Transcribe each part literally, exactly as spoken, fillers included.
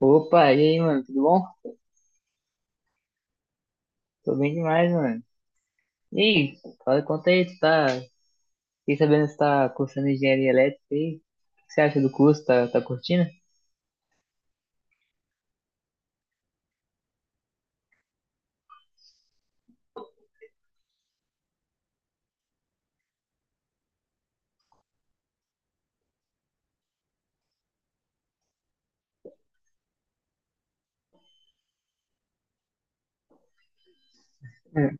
Opa, e aí, mano, tudo bom? Tô bem demais, mano. E aí, fala, conta aí, tu tá. Fiquei sabendo que você tá cursando engenharia elétrica aí. O que você acha do curso? Tá, tá curtindo? Hum.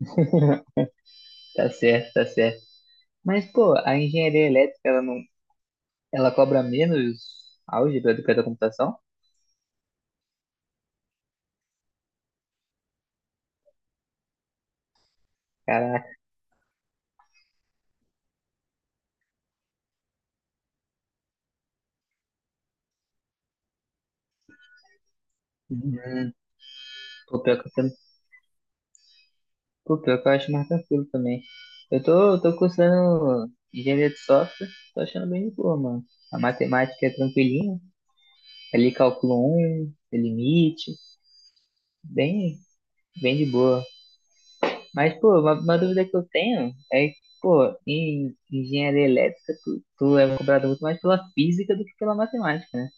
Tá certo, tá certo. Mas, pô, a engenharia elétrica, ela não. Ela cobra menos álgebra do que a da computação? Caraca. Hum, Pô, pior que eu, tam- pô, pior que eu acho mais tranquilo também. Eu tô, tô cursando engenharia de software, tô achando bem de boa, mano. A matemática é tranquilinha. Ali, cálculo um, limite, bem, bem de boa. Mas, pô, uma, uma dúvida que eu tenho é que, pô, em engenharia elétrica, tu, tu é cobrado muito mais pela física do que pela matemática, né?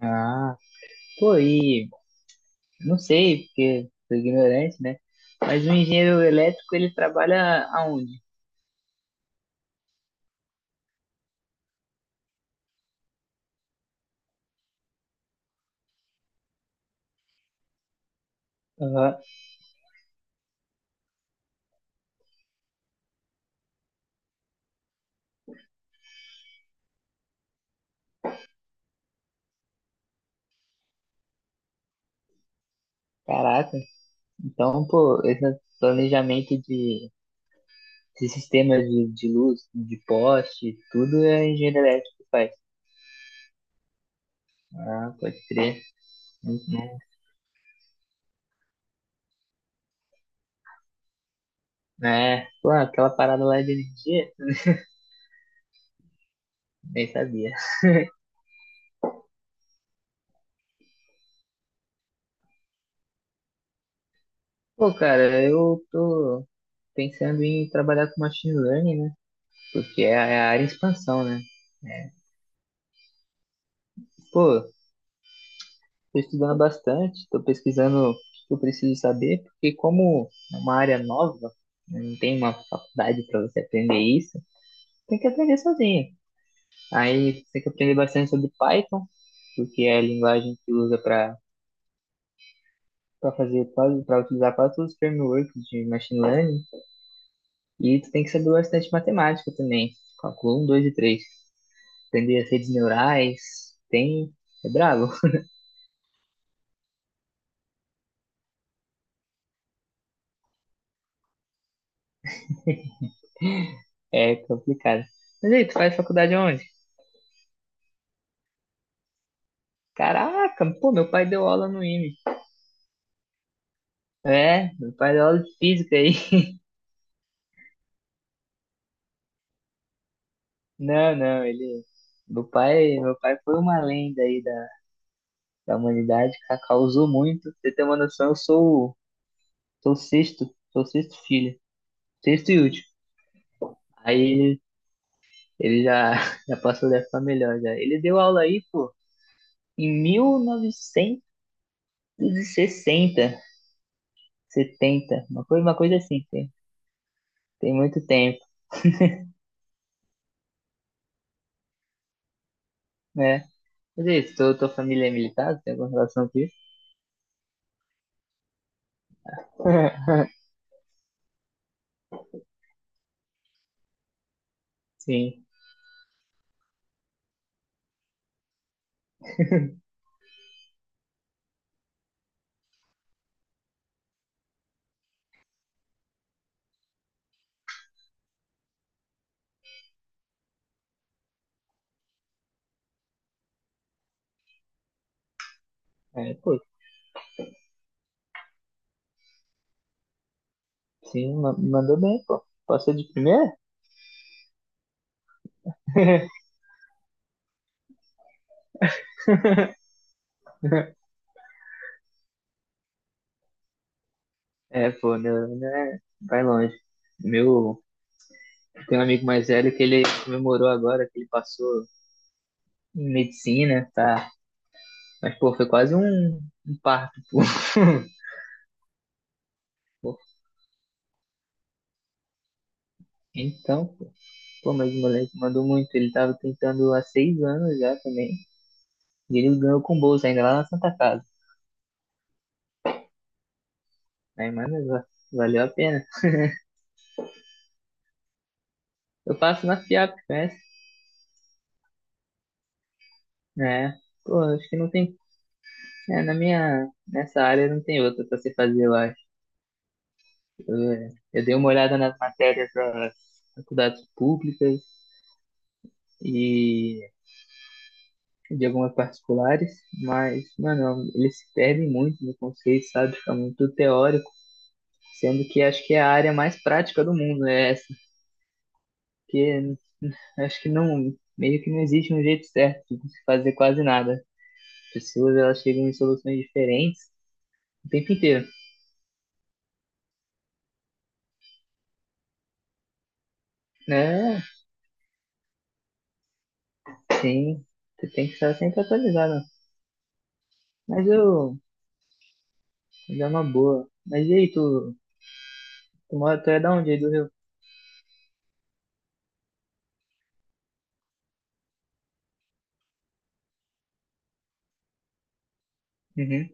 Ah, pô, e não sei, porque sou ignorante, né? Mas o engenheiro elétrico, ele trabalha aonde? Aham. Caraca, então, pô, esse planejamento de, de sistemas de, de luz, de poste, tudo é engenheiro elétrico que faz. Ah, pode crer. Uhum. É, pô, aquela parada lá de energia, nem sabia. Pô, cara, eu tô pensando em trabalhar com machine learning, né? Porque é a é a área em expansão, né? É. Pô, tô estudando bastante, tô pesquisando o que eu preciso saber, porque como é uma área nova, né, não tem uma faculdade para você aprender isso, tem que aprender sozinho. Aí tem que aprender bastante sobre Python, porque é a linguagem que usa para para fazer quase, para utilizar quase todos os frameworks de machine learning. E tu tem que saber bastante matemática também. Calcula um, dois e três. Aprender as redes neurais. Tem. É brabo. É complicado. Mas aí, tu faz faculdade onde? Caraca, pô, meu pai deu aula no IME. É, meu pai deu aula de física aí. Não, não, ele. Meu pai, meu pai foi uma lenda aí da, da, humanidade, ca- causou muito. Pra você ter uma noção, eu sou, o- sou o sexto, sou o sexto filho, sexto e último. Aí ele já, já passou dessa melhor já. Ele deu aula aí, pô, em mil novecentos e sessenta setenta uma coisa, uma coisa, assim, tem, tem muito tempo, né? Mas é isso, tua, tua família é militar, tem alguma relação com isso? Sim, é, pô, sim, ma- mandou bem, pô. Passou de primeira? É, pô, meu, né, vai longe. Meu, tem um amigo mais velho que ele comemorou agora, que ele passou em medicina, tá? Mas, pô, foi quase um, um parto, pô. Então, pô, pô, mas o moleque mandou muito. Ele tava tentando há seis anos já também. E ele ganhou com bolsa ainda lá na Santa Casa. Aí, mano, va- valeu a pena. Eu faço na FIAP, conhece? É. Pô, acho que não tem. É, na minha. Nessa área não tem outra pra você fazer, eu acho. Eu, eu dei uma olhada nas matérias das faculdades públicas e de algumas particulares, mas, mano, eles se perdem muito no conceito, sabe? Fica muito teórico. Sendo que acho que é a área mais prática do mundo, é essa. Porque acho que não, meio que não existe um jeito certo de se fazer quase nada. As pessoas, elas chegam em soluções diferentes o tempo inteiro. É, sim, você tem que estar sempre atualizado. Mas eu, mas é uma boa. Mas e aí, tu, tu mora, tu é da onde aí do Rio? Uhum.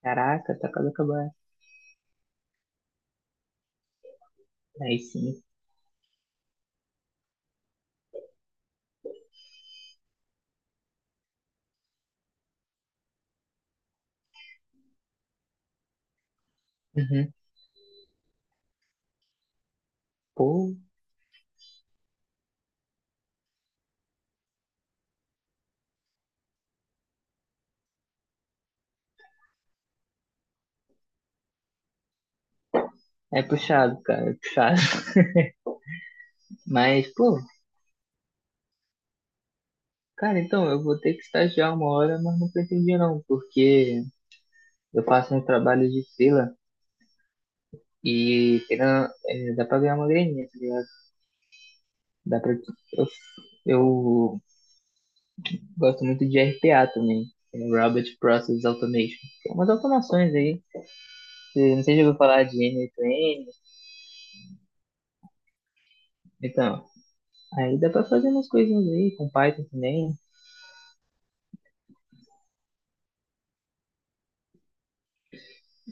Caraca, tá quase acabando. Aí sim. Uhum. Pô, é puxado, cara, é puxado. Mas, pô, cara, então eu vou ter que estagiar uma hora, mas não pretendia não, porque eu faço um trabalho de fila e querendo, é, dá pra ganhar uma graninha, tá ligado? Dá pra, eu, eu, gosto muito de R P A também, é Robot Process Automation. Tem umas automações aí, que- não sei se eu vou falar de N oito N, então, aí dá pra fazer umas coisinhas aí com Python também.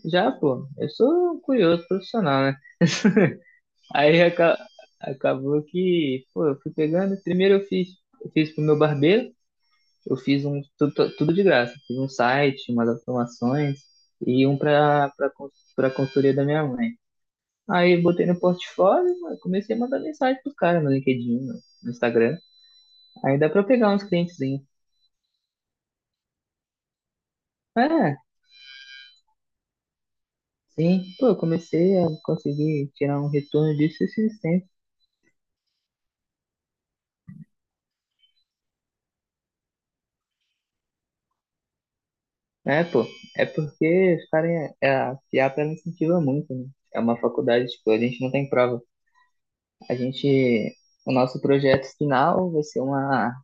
Já, pô, eu sou um curioso profissional, né? Aí aca- acabou que, pô, eu fui pegando, primeiro eu fiz, eu fiz pro meu barbeiro, eu fiz um tudo, tudo de graça. Fiz um site, umas automações e um para para consultoria da minha mãe. Aí botei no portfólio, mano, comecei a mandar mensagem pros caras no LinkedIn, no no Instagram. Aí dá para pegar uns clientezinhos. É, sim. Pô, eu comecei a conseguir tirar um retorno disso esses tempos. É, pô, é porque os caras, é, a FIAP ela incentiva muito, né? É uma faculdade, tipo, a gente não tem prova. A gente, o nosso projeto final vai ser uma.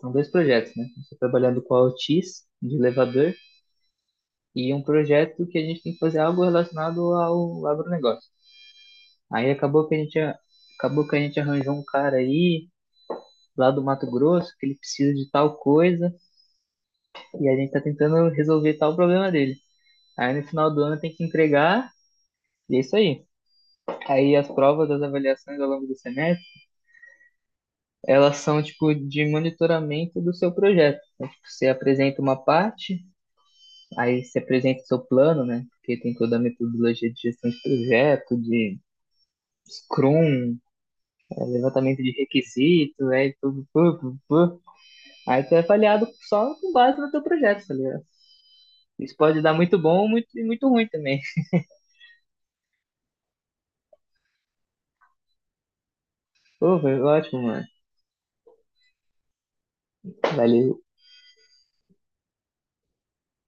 São dois projetos, né? Eu estou trabalhando com a Otis, de elevador, e um projeto que a gente tem que fazer algo relacionado ao agronegócio. Aí acabou que a gente, a- acabou que a gente arranjou um cara aí, lá do Mato Grosso, que ele precisa de tal coisa, e a gente está tentando resolver tal problema dele. Aí no final do ano tem que entregar, e é isso aí. Aí as provas das avaliações ao longo do semestre, elas são tipo de monitoramento do seu projeto. Então, tipo, você apresenta uma parte, aí você apresenta seu plano, né? Porque tem toda a metodologia de gestão de projeto, de Scrum, é, levantamento de requisitos, aí tudo, tudo, tudo. Aí tu é avaliado só com base no teu projeto, tá ligado? Isso pode dar muito bom ou muito, muito ruim também. Pô, foi ótimo, mano. Vale,